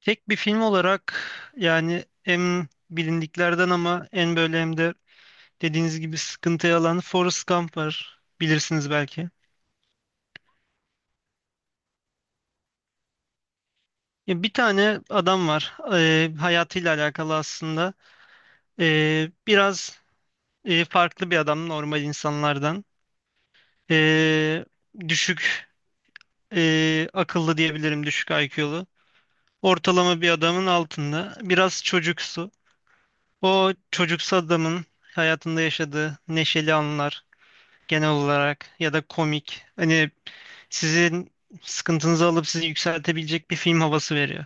Tek bir film olarak yani en bilindiklerden ama en böyle hem de dediğiniz gibi sıkıntıya alan Forrest Gump var. Bilirsiniz belki. Ya bir tane adam var. Hayatıyla alakalı aslında. Biraz farklı bir adam normal insanlardan. Ee, Düşük akıllı diyebilirim. Düşük IQ'lu. Ortalama bir adamın altında. Biraz çocuksu. O çocuksu adamın hayatında yaşadığı neşeli anlar genel olarak ya da komik. Hani sizin sıkıntınızı alıp sizi yükseltebilecek bir film havası veriyor.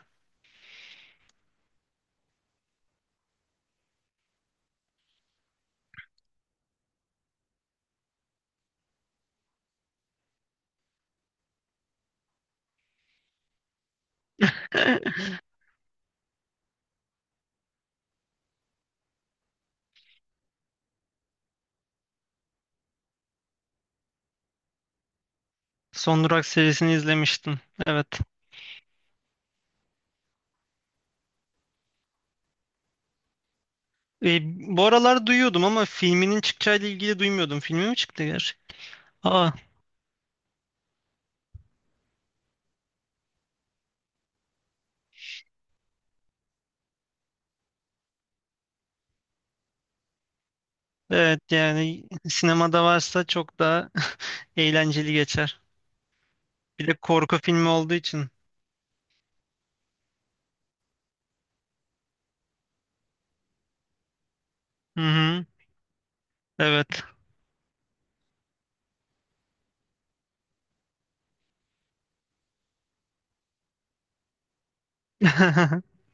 Son Durak serisini izlemiştim. Evet. E, Bu aralar duyuyordum ama filminin çıkacağıyla ilgili duymuyordum. Filmi mi çıktı gerçi? Aa, evet yani sinemada varsa çok daha eğlenceli geçer. Bir de korku filmi olduğu için. Hı hı, evet.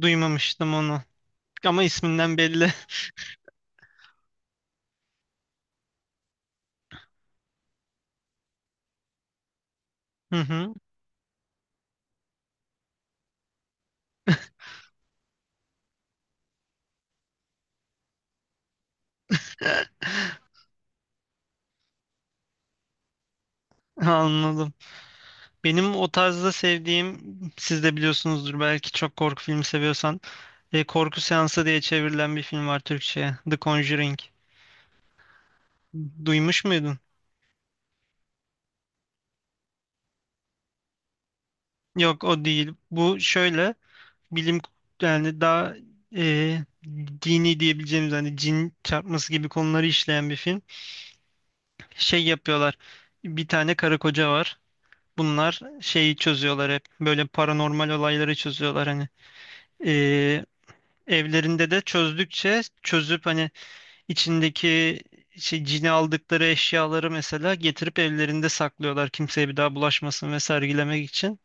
Duymamıştım onu. Ama isminden belli. Hı hı, anladım. Benim o tarzda sevdiğim, siz de biliyorsunuzdur belki çok korku filmi seviyorsan, Korku Seansı diye çevrilen bir film var Türkçe'ye. The Conjuring. Duymuş muydun? Yok o değil. Bu şöyle bilim yani daha e, dini diyebileceğimiz hani cin çarpması gibi konuları işleyen bir film. Şey yapıyorlar. Bir tane karı koca var. Bunlar şeyi çözüyorlar hep. Böyle paranormal olayları çözüyorlar hani. E, Evlerinde de çözdükçe çözüp hani İçindeki şey cini aldıkları eşyaları mesela getirip evlerinde saklıyorlar kimseye bir daha bulaşmasın ve sergilemek için.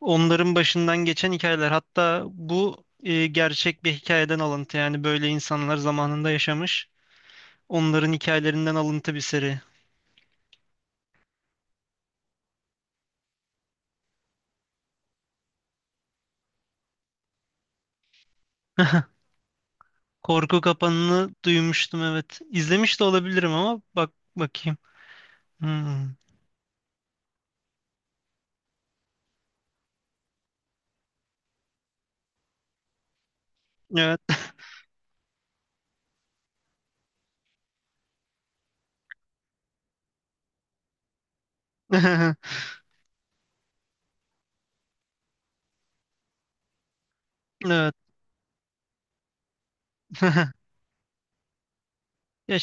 Onların başından geçen hikayeler hatta bu gerçek bir hikayeden alıntı yani böyle insanlar zamanında yaşamış. Onların hikayelerinden alıntı bir seri. Korku Kapanı'nı duymuştum, evet. İzlemiş de olabilirim ama bak bakayım. Hmm. Evet. Evet. Ya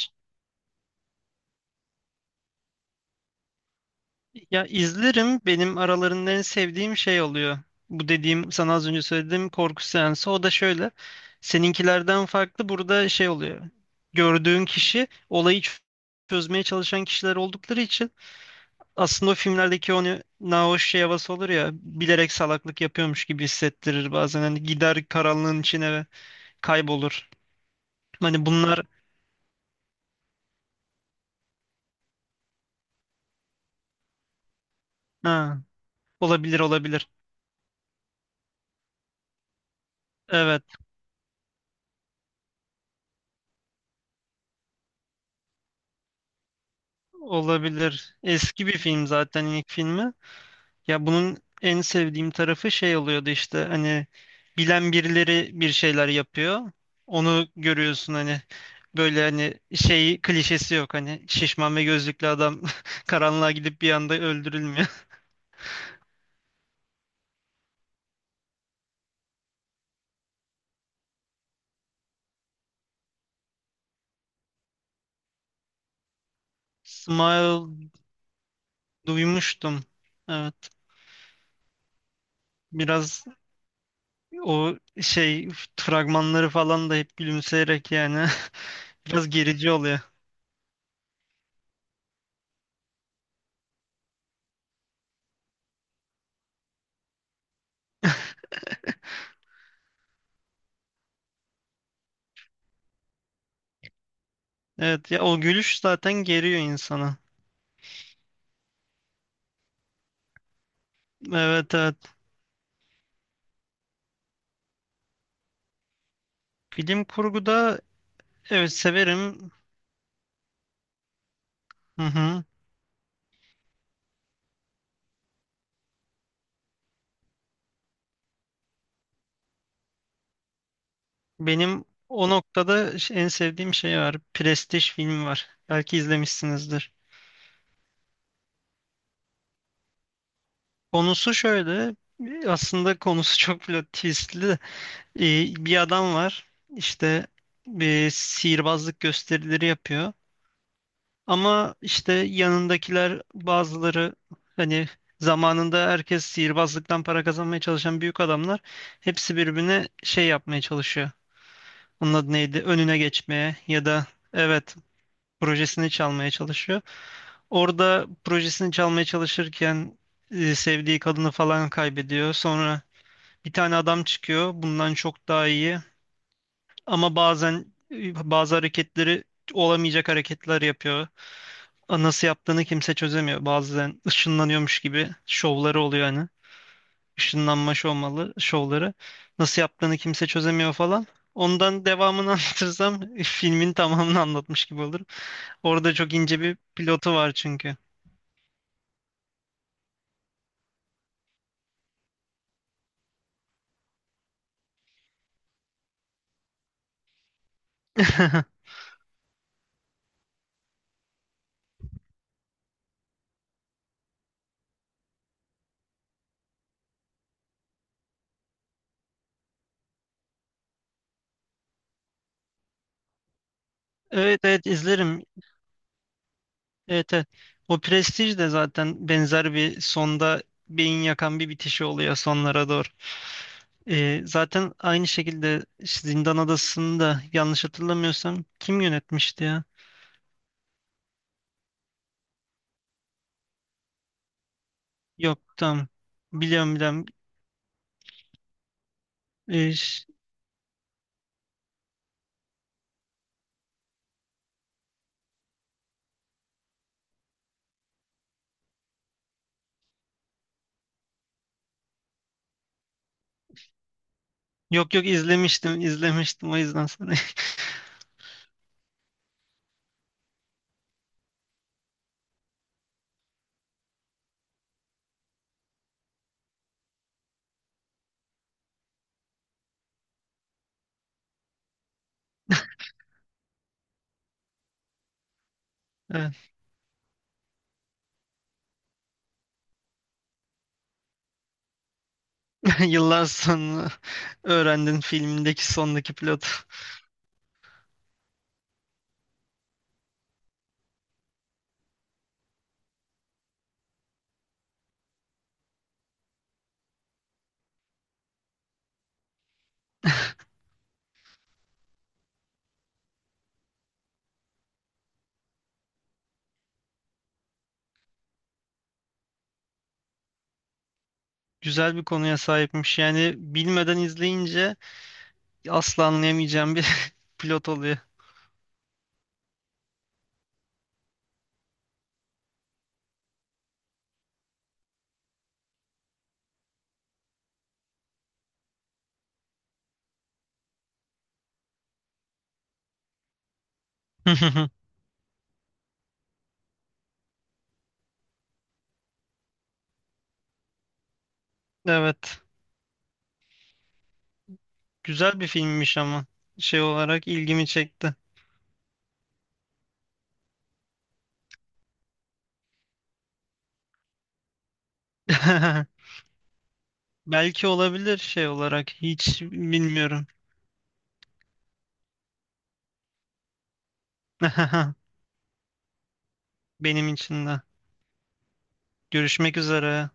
Ya izlerim. Benim aralarında en sevdiğim şey oluyor. Bu dediğim sana az önce söylediğim korku seansı. O da şöyle. Seninkilerden farklı burada şey oluyor. Gördüğün kişi Olayı çözmeye çalışan kişiler oldukları için aslında o filmlerdeki onu nahoş şey havası olur ya bilerek salaklık yapıyormuş gibi hissettirir bazen, hani gider karanlığın içine ve kaybolur. Hani bunlar, ha, olabilir olabilir. Evet, olabilir. Eski bir film zaten ilk filmi. Ya bunun en sevdiğim tarafı şey oluyordu, işte hani bilen birileri bir şeyler yapıyor. Onu görüyorsun hani, böyle hani şey klişesi yok, hani şişman ve gözlüklü adam karanlığa gidip bir anda öldürülmüyor. Smile duymuştum. Evet, biraz o şey fragmanları falan da hep gülümseyerek yani biraz gerici oluyor. Evet ya, o gülüş zaten geriyor insana. Evet, evet. Bilim kurguda, evet, severim. Hı hı. Benim o noktada en sevdiğim şey var. Prestij filmi var. Belki izlemişsinizdir. Konusu şöyle. Aslında konusu çok plot twistli de. Bir adam var. İşte bir sihirbazlık gösterileri yapıyor. Ama işte yanındakiler bazıları hani zamanında herkes sihirbazlıktan para kazanmaya çalışan büyük adamlar, hepsi birbirine şey yapmaya çalışıyor. Onun adı neydi? Önüne geçmeye ya da evet projesini çalmaya çalışıyor. Orada projesini çalmaya çalışırken sevdiği kadını falan kaybediyor. Sonra bir tane adam çıkıyor. Bundan çok daha iyi. Ama bazen bazı hareketleri olamayacak hareketler yapıyor. A, nasıl yaptığını kimse çözemiyor. Bazen ışınlanıyormuş gibi şovları oluyor hani. Işınlanma şovmalı, şovları. Nasıl yaptığını kimse çözemiyor falan. Ondan devamını anlatırsam filmin tamamını anlatmış gibi olur. Orada çok ince bir pilotu var çünkü. Evet, evet, izlerim. Evet, evet. O Prestige de zaten benzer bir sonda beyin yakan bir bitişi oluyor sonlara doğru. Zaten aynı şekilde işte Zindan Adası'nı da yanlış hatırlamıyorsam kim yönetmişti ya? Yok, tamam. Biliyorum, biliyorum. Ee, ş- Yok yok, izlemiştim izlemiştim o yüzden sana. Evet. Yıllar sonra öğrendin filmindeki sondaki plot. Güzel bir konuya sahipmiş. Yani bilmeden izleyince asla anlayamayacağım bir pilot oluyor. Evet. Güzel bir filmmiş ama şey olarak ilgimi çekti. Belki olabilir, şey olarak hiç bilmiyorum. Benim için de. Görüşmek üzere.